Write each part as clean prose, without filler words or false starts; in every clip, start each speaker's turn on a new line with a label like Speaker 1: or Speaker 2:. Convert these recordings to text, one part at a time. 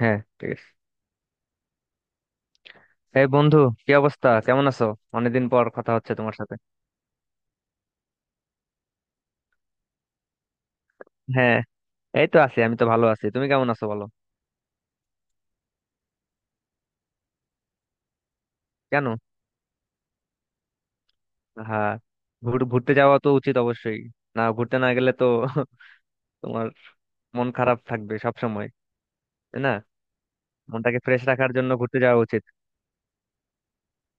Speaker 1: হ্যাঁ, ঠিক আছে। এই বন্ধু, কি অবস্থা? কেমন আছো? অনেকদিন পর কথা হচ্ছে তোমার সাথে। হ্যাঁ, এই তো আছি, আমি তো ভালো আছি, তুমি কেমন আছো বলো। কেন? হ্যাঁ, ঘুরতে যাওয়া তো উচিত অবশ্যই। না, ঘুরতে না গেলে তো তোমার মন খারাপ থাকবে সব সময়, তাই না? মনটাকে ফ্রেশ রাখার জন্য ঘুরতে যাওয়া উচিত।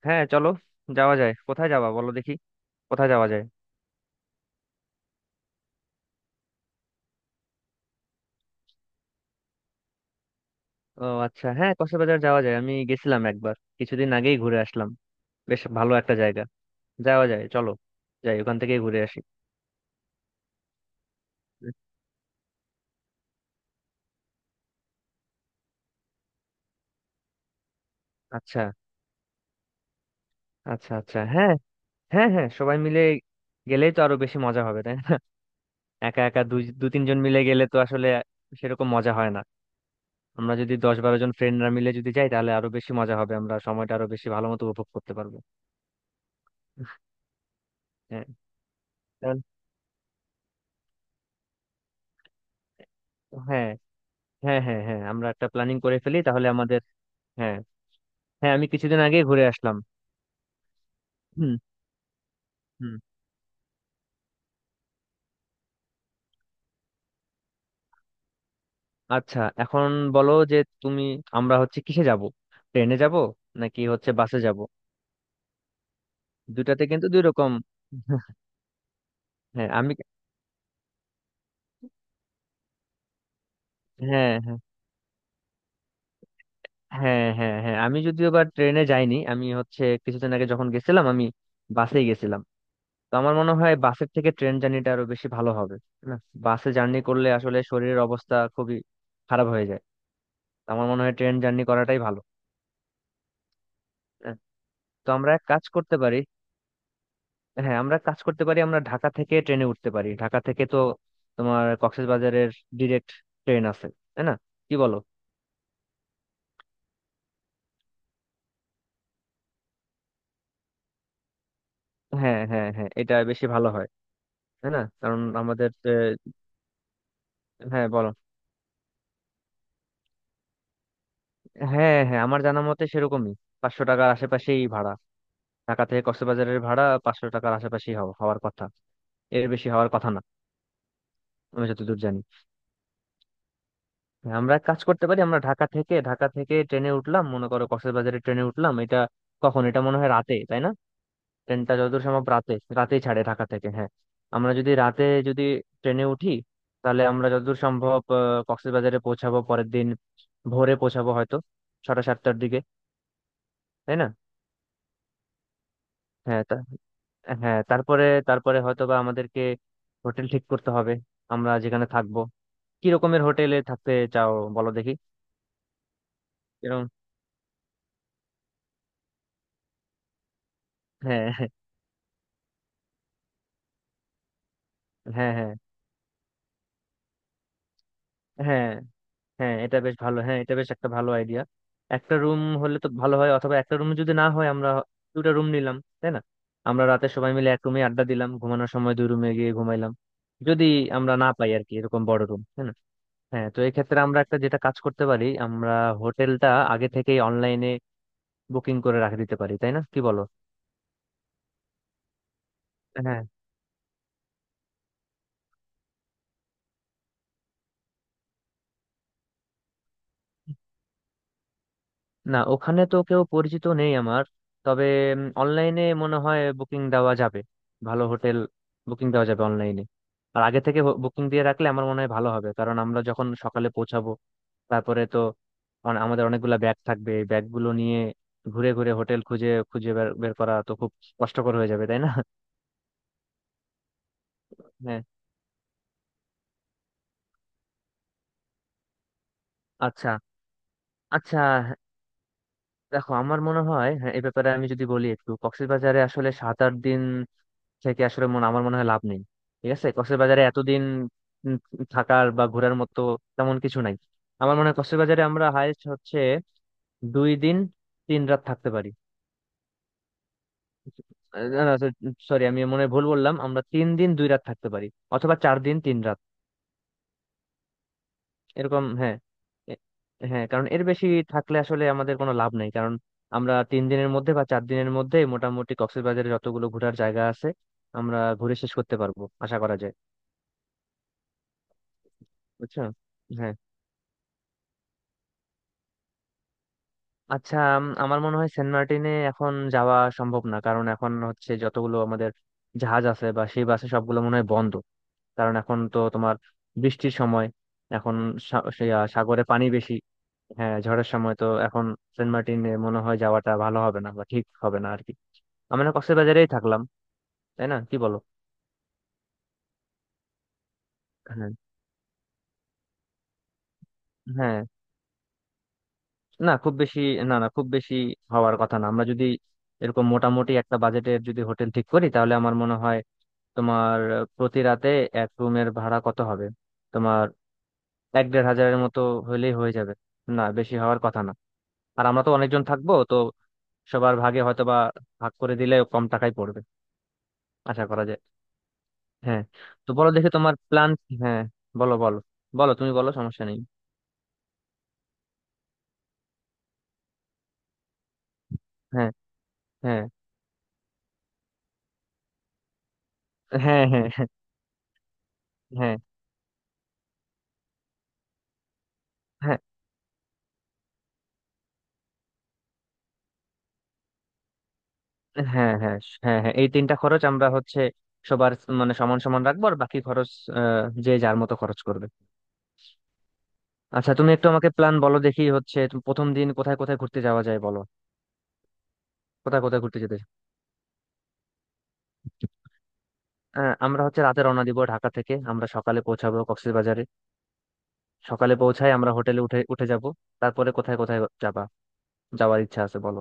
Speaker 1: হ্যাঁ, চলো, যাওয়া যায়। কোথায় যাবা বলো দেখি, কোথায় যাওয়া যায়? ও আচ্ছা, হ্যাঁ কক্সবাজার যাওয়া যায়, আমি গেছিলাম একবার, কিছুদিন আগেই ঘুরে আসলাম। বেশ ভালো একটা জায়গা, যাওয়া যায়, চলো যাই, ওখান থেকেই ঘুরে আসি। আচ্ছা, আচ্ছা। আচ্ছা, হ্যাঁ, হ্যাঁ, হ্যাঁ, সবাই মিলে গেলেই তো আরো বেশি মজা হবে, তাই না? একা একা দুই তিনজন মিলে গেলে তো আসলে সেরকম মজা হয় না। আমরা যদি 10-12 জন ফ্রেন্ডরা মিলে যদি যাই তাহলে আরো বেশি মজা হবে, আমরা সময়টা আরো বেশি ভালো মতো উপভোগ করতে পারবো। হ্যাঁ। তাহলে- হ্যাঁ, হ্যাঁ, হ্যাঁ, হ্যাঁ, আমরা একটা প্ল্যানিং করে ফেলি তাহলে আমাদের। হ্যাঁ, হ্যাঁ, আমি কিছুদিন আগে ঘুরে আসলাম। হুম। হুম। আচ্ছা এখন বলো যে তুমি, আমরা হচ্ছে কিসে যাব, ট্রেনে যাব নাকি হচ্ছে বাসে যাব? দুটাতে কিন্তু দুই রকম। হ্যাঁ আমি হ্যাঁ হ্যাঁ হ্যাঁ হ্যাঁ হ্যাঁ, আমি যদিও বা ট্রেনে যাইনি, আমি হচ্ছে কিছুদিন আগে যখন গেছিলাম, আমি বাসেই গেছিলাম। তো আমার মনে হয় বাসের থেকে ট্রেন জার্নিটা আরো বেশি ভালো হবে। না, বাসে জার্নি করলে আসলে শরীরের অবস্থা খুবই খারাপ হয়ে যায়। তো আমার মনে হয় ট্রেন জার্নি করাটাই ভালো। হ্যাঁ, তো আমরা এক কাজ করতে পারি। হ্যাঁ, আমরা এক কাজ করতে পারি, আমরা ঢাকা থেকে ট্রেনে উঠতে পারি, ঢাকা থেকে তো তোমার কক্সবাজারের ডিরেক্ট ট্রেন আছে, তাই না? কি বলো? হ্যাঁ, হ্যাঁ, হ্যাঁ, এটা বেশি ভালো হয়, তাই না? কারণ আমাদের হ্যাঁ বলো। হ্যাঁ, হ্যাঁ, আমার জানা মতে সেরকমই, 500 টাকার আশেপাশেই ভাড়া। ঢাকা থেকে কক্সবাজারের ভাড়া 500 টাকার আশেপাশেই হওয়ার কথা, এর বেশি হওয়ার কথা না। আমি যতদূর জানি। হ্যাঁ, আমরা এক কাজ করতে পারি, আমরা ঢাকা থেকে ঢাকা থেকে ট্রেনে উঠলাম, মনে করো কক্সবাজারের ট্রেনে উঠলাম, এটা কখন? এটা মনে হয় রাতে, তাই না? ট্রেনটা যতদূর সম্ভব রাতে, রাতেই ছাড়ে ঢাকা থেকে। হ্যাঁ, আমরা যদি রাতে যদি ট্রেনে উঠি, তাহলে আমরা যতদূর সম্ভব কক্সবাজারে পৌঁছাবো পরের দিন ভোরে, পৌঁছাবো হয়তো 6টা-7টার দিকে, তাই না? হ্যাঁ তা- হ্যাঁ, তারপরে তারপরে হয়তো বা আমাদেরকে হোটেল ঠিক করতে হবে। আমরা যেখানে থাকবো, কি রকমের হোটেলে থাকতে চাও বলো দেখি? এরকম। হ্যাঁ, হ্যাঁ, হ্যাঁ, হ্যাঁ, হ্যাঁ, এটা বেশ ভালো, হ্যাঁ এটা বেশ একটা ভালো আইডিয়া। একটা রুম হলে তো ভালো হয়, অথবা একটা রুম যদি না হয় আমরা দুটা রুম নিলাম, তাই না? আমরা রাতে সবাই মিলে এক রুমে আড্ডা দিলাম, ঘুমানোর সময় দুই রুমে গিয়ে ঘুমাইলাম, যদি আমরা না পাই আর কি এরকম বড় রুম, তাই না? হ্যাঁ, তো এক্ষেত্রে আমরা একটা যেটা কাজ করতে পারি, আমরা হোটেলটা আগে থেকেই অনলাইনে বুকিং করে রাখে দিতে পারি, তাই না? কি বলো? হ্যাঁ, না, ওখানে তো কেউ পরিচিত নেই আমার। তবে অনলাইনে মনে হয় বুকিং দেওয়া যাবে, ভালো হোটেল বুকিং দেওয়া যাবে অনলাইনে। আর আগে থেকে বুকিং দিয়ে রাখলে আমার মনে হয় ভালো হবে, কারণ আমরা যখন সকালে পৌঁছাবো তারপরে তো আমাদের অনেকগুলা ব্যাগ থাকবে, এই ব্যাগগুলো নিয়ে ঘুরে ঘুরে হোটেল খুঁজে খুঁজে বের বের করা তো খুব কষ্টকর হয়ে যাবে, তাই না? হ্যাঁ। আচ্ছা, আচ্ছা। দেখো আমার মনে হয় হ্যাঁ, এ ব্যাপারে আমি যদি বলি, একটু কক্সবাজারে আসলে 7-8 দিন থেকে আসলে আমার মনে হয় লাভ নেই। ঠিক আছে, কক্সবাজারে এতদিন উম থাকার বা ঘোরার মতো তেমন কিছু নাই। আমার মনে হয় কক্সবাজারে আমরা হায়েস্ট হচ্ছে 2 দিন 3 রাত থাকতে পারি। না, না, সরি, আমি মনে হয় ভুল বললাম, আমরা 3 দিন 2 রাত থাকতে পারি, অথবা 4 দিন 3 রাত এরকম। হ্যাঁ। এ- হ্যাঁ, কারণ এর বেশি থাকলে আসলে আমাদের কোনো লাভ নেই, কারণ আমরা 3 দিনের মধ্যে বা 4 দিনের মধ্যে মোটামুটি কক্সবাজারে যতগুলো ঘোরার জায়গা আছে আমরা ঘুরে শেষ করতে পারবো আশা করা যায়। বুঝছো? হ্যাঁ। আচ্ছা আমার মনে হয় সেন্ট মার্টিনে এখন যাওয়া সম্ভব না, কারণ এখন হচ্ছে যতগুলো আমাদের জাহাজ আছে বা সেই বাসে সবগুলো মনে হয় বন্ধ, কারণ এখন তো তোমার বৃষ্টির সময় এখন। সাগরে পানি বেশি। হ্যাঁ, ঝড়ের সময় তো এখন, সেন্ট মার্টিনে মনে হয় যাওয়াটা ভালো হবে না বা ঠিক হবে না আর কি, আমরা কক্সবাজারেই থাকলাম, তাই না? কি বলো? হ্যাঁ, হ্যাঁ, না খুব বেশি না, না খুব বেশি হওয়ার কথা না। আমরা যদি এরকম মোটামুটি একটা বাজেটের যদি হোটেল ঠিক করি তাহলে আমার মনে হয় তোমার প্রতি রাতে এক রুমের ভাড়া কত হবে তোমার, 1-1.5 হাজারের মতো হইলেই হয়ে যাবে। না, বেশি হওয়ার কথা না। আর আমরা তো অনেকজন থাকবো তো সবার ভাগে হয়তো বা ভাগ করে দিলে কম টাকায় পড়বে আশা করা যায়। হ্যাঁ, তো বলো দেখি তোমার প্ল্যান। হ্যাঁ, বলো, বলো, বলো, তুমি বলো, সমস্যা নেই। হ্যাঁ, হ্যাঁ, হ্যাঁ, হ্যাঁ, হ্যাঁ, হ্যাঁ, হ্যাঁ, হ্যাঁ, হ্যাঁ, হ্যাঁ, এই তিনটা খরচ আমরা হচ্ছে সবার, মানে সমান সমান রাখবো, আর বাকি খরচ যে যার মতো খরচ করবে। আচ্ছা তুমি একটু আমাকে প্ল্যান বলো দেখি হচ্ছে তুমি প্রথম দিন কোথায় কোথায় ঘুরতে যাওয়া যায় বলো। কোথায় কোথায় ঘুরতে যেতে আমরা হচ্ছে রাতে রওনা দিব ঢাকা থেকে, আমরা সকালে পৌঁছাবো কক্সবাজারে। সকালে পৌঁছায় আমরা হোটেলে উঠে উঠে যাব। তারপরে কোথায় কোথায় যাবা, যাওয়ার ইচ্ছা আছে বলো?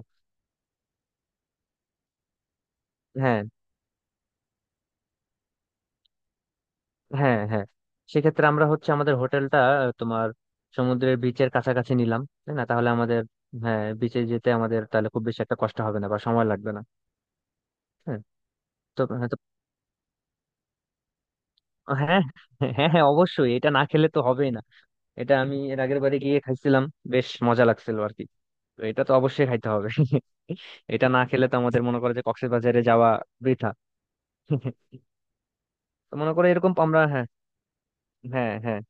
Speaker 1: হ্যাঁ, হ্যাঁ, হ্যাঁ, সেক্ষেত্রে আমরা হচ্ছে আমাদের হোটেলটা তোমার সমুদ্রের বিচের কাছাকাছি নিলাম, তাই না? তাহলে আমাদের হ্যাঁ, বিচে যেতে আমাদের তাহলে খুব বেশি একটা কষ্ট হবে না বা সময় লাগবে না। হ্যাঁ, তো হ্যাঁ তো- হ্যাঁ, হ্যাঁ, হ্যাঁ, অবশ্যই এটা না খেলে তো হবেই না। এটা আমি এর আগের বারে গিয়ে খাইছিলাম, বেশ মজা লাগছিল আর কি, তো এটা তো অবশ্যই খাইতে হবে। এটা না খেলে তো আমাদের মনে করে যে কক্সবাজারে যাওয়া বৃথা। তো মনে করে এরকম আমরা হ্যাঁ, হ্যাঁ, হ্যাঁ,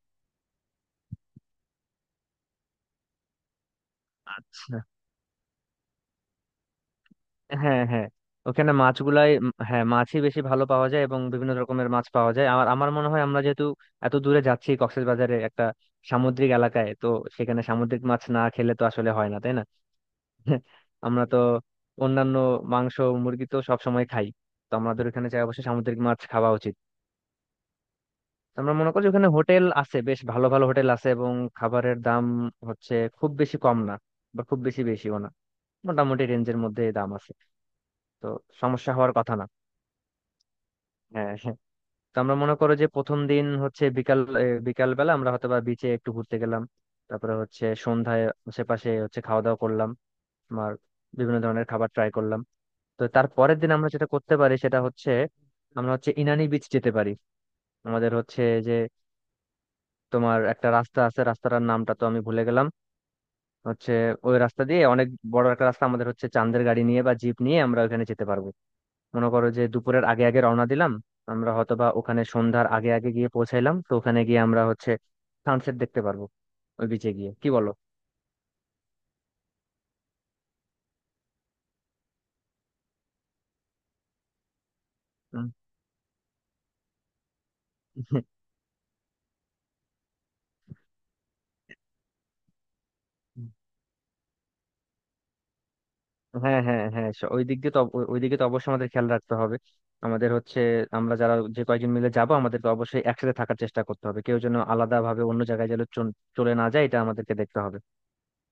Speaker 1: আচ্ছা, হ্যাঁ, হ্যাঁ, ওখানে মাছগুলাই হ্যাঁ মাছই বেশি ভালো পাওয়া যায় এবং বিভিন্ন রকমের মাছ পাওয়া যায়। আমার আমার মনে হয় আমরা যেহেতু এত দূরে যাচ্ছি কক্সবাজারে একটা সামুদ্রিক এলাকায় তো, সেখানে সামুদ্রিক মাছ না খেলে তো আসলে হয় না, তাই না? আমরা তো অন্যান্য মাংস মুরগি তো সবসময় খাই, তো আমাদের ওখানে চাই অবশ্যই সামুদ্রিক মাছ খাওয়া উচিত। তো আমরা মনে করি যে ওখানে হোটেল আছে, বেশ ভালো ভালো হোটেল আছে এবং খাবারের দাম হচ্ছে খুব বেশি কম না বা খুব বেশি বেশিও না, মোটামুটি রেঞ্জের মধ্যে দাম আছে তো, সমস্যা হওয়ার কথা না। হ্যাঁ, হ্যাঁ, তো আমরা মনে করো যে প্রথম দিন হচ্ছে বিকাল, বিকাল বেলা আমরা হয়তো বা বিচে একটু ঘুরতে গেলাম, তারপরে হচ্ছে সন্ধ্যায় আশেপাশে হচ্ছে খাওয়া দাওয়া করলাম। আমার বিভিন্ন ধরনের খাবার ট্রাই করলাম। তো তার পরের দিন আমরা যেটা করতে পারি সেটা হচ্ছে আমরা হচ্ছে ইনানি বিচ যেতে পারি। আমাদের হচ্ছে যে তোমার একটা রাস্তা আছে, রাস্তাটার নামটা তো আমি ভুলে গেলাম, হচ্ছে ওই রাস্তা দিয়ে অনেক বড় একটা রাস্তা, আমাদের হচ্ছে চাঁদের গাড়ি নিয়ে বা জিপ নিয়ে আমরা ওখানে যেতে পারবো। মনে করো যে দুপুরের আগে আগে রওনা দিলাম, আমরা হয়তো বা ওখানে সন্ধ্যার আগে আগে গিয়ে পৌঁছাইলাম, তো ওখানে গিয়ে আমরা হচ্ছে সানসেট দেখতে পারবো ওই বিচে গিয়ে। কি বলো? হুম। হ্যাঁ, হ্যাঁ, হ্যাঁ, ওই দিক দিয়ে তো ওই দিকে তো অবশ্যই আমাদের খেয়াল রাখতে হবে। আমাদের হচ্ছে আমরা যারা যে কয়েকজন মিলে যাব আমাদেরকে অবশ্যই একসাথে থাকার চেষ্টা করতে হবে, কেউ যেন আলাদা ভাবে অন্য জায়গায় যেন চলে না যায়, এটা আমাদেরকে দেখতে হবে।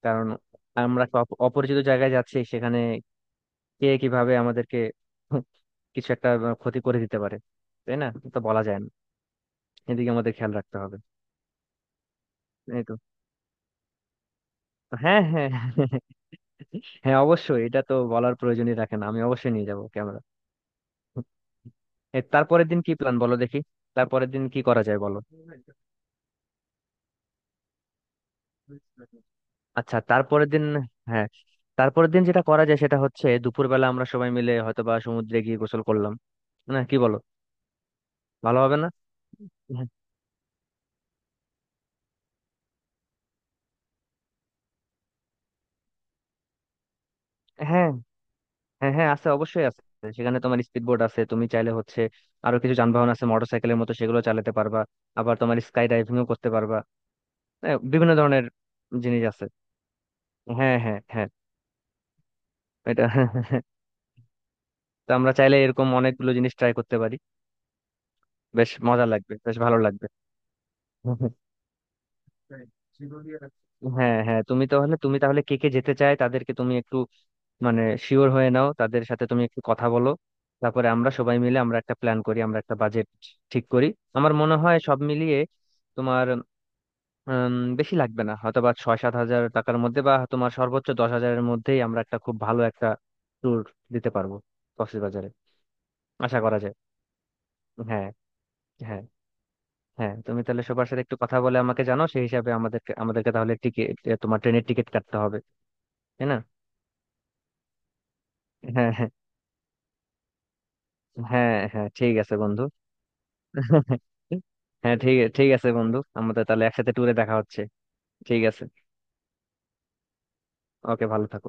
Speaker 1: কারণ আমরা একটা অপরিচিত জায়গায় যাচ্ছি, সেখানে কে কিভাবে আমাদেরকে কিছু একটা ক্ষতি করে দিতে পারে, তাই না? এটা তো বলা যায় না, এদিকে আমাদের খেয়াল রাখতে হবে। এই তো, হ্যাঁ, হ্যাঁ, হ্যাঁ, হ্যাঁ, অবশ্যই এটা তো বলার প্রয়োজনই রাখে না, আমি অবশ্যই নিয়ে যাবো ক্যামেরা। এ, তারপরের দিন কি প্ল্যান বলো দেখি, তারপরের দিন কি করা যায় বলো? আচ্ছা, তারপরের দিন হ্যাঁ, তারপরের দিন যেটা করা যায় সেটা হচ্ছে দুপুরবেলা আমরা সবাই মিলে হয়তোবা সমুদ্রে গিয়ে গোসল করলাম, না কি বলো? ভালো হবে না? হ্যাঁ, হ্যাঁ, হ্যাঁ, আছে, অবশ্যই আছে। সেখানে তোমার স্পিড বোট আছে, তুমি চাইলে হচ্ছে আরো কিছু যানবাহন আছে মোটরসাইকেলের মতো সেগুলো চালাতে পারবা। আবার তোমার স্কাই ডাইভিংও করতে পারবা। হ্যাঁ, বিভিন্ন ধরনের জিনিস আছে। হ্যাঁ, হ্যাঁ, হ্যাঁ। এটা তো আমরা চাইলে এরকম অনেকগুলো জিনিস ট্রাই করতে পারি, বেশ মজা লাগবে, বেশ ভালো লাগবে। হ্যাঁ, হ্যাঁ, তুমি তাহলে কে কে যেতে চায় তাদেরকে তুমি একটু মানে শিওর হয়ে নাও, তাদের সাথে তুমি একটু কথা বলো, তারপরে আমরা সবাই মিলে আমরা একটা প্ল্যান করি, আমরা একটা বাজেট ঠিক করি। আমার মনে হয় সব মিলিয়ে তোমার বেশি লাগবে না, হয়তো বা 6-7 হাজার টাকার মধ্যে বা তোমার সর্বোচ্চ 10 হাজারের মধ্যেই আমরা একটা খুব ভালো একটা ট্যুর দিতে পারবো কক্সবাজারে আশা করা যায়। হ্যাঁ। হ্যাঁ, হ্যাঁ, তুমি তাহলে সবার সাথে একটু কথা বলে আমাকে জানো, সেই হিসাবে আমাদেরকে আমাদেরকে তাহলে টিকিট, তোমার ট্রেনের টিকিট কাটতে হবে, তাই না? হ্যাঁ, হ্যাঁ, হ্যাঁ, হ্যাঁ, ঠিক আছে বন্ধু। হ্যাঁ, ঠিক ঠিক আছে বন্ধু, আমাদের তাহলে একসাথে ট্যুরে দেখা হচ্ছে। ঠিক আছে, ওকে, ভালো থাকো।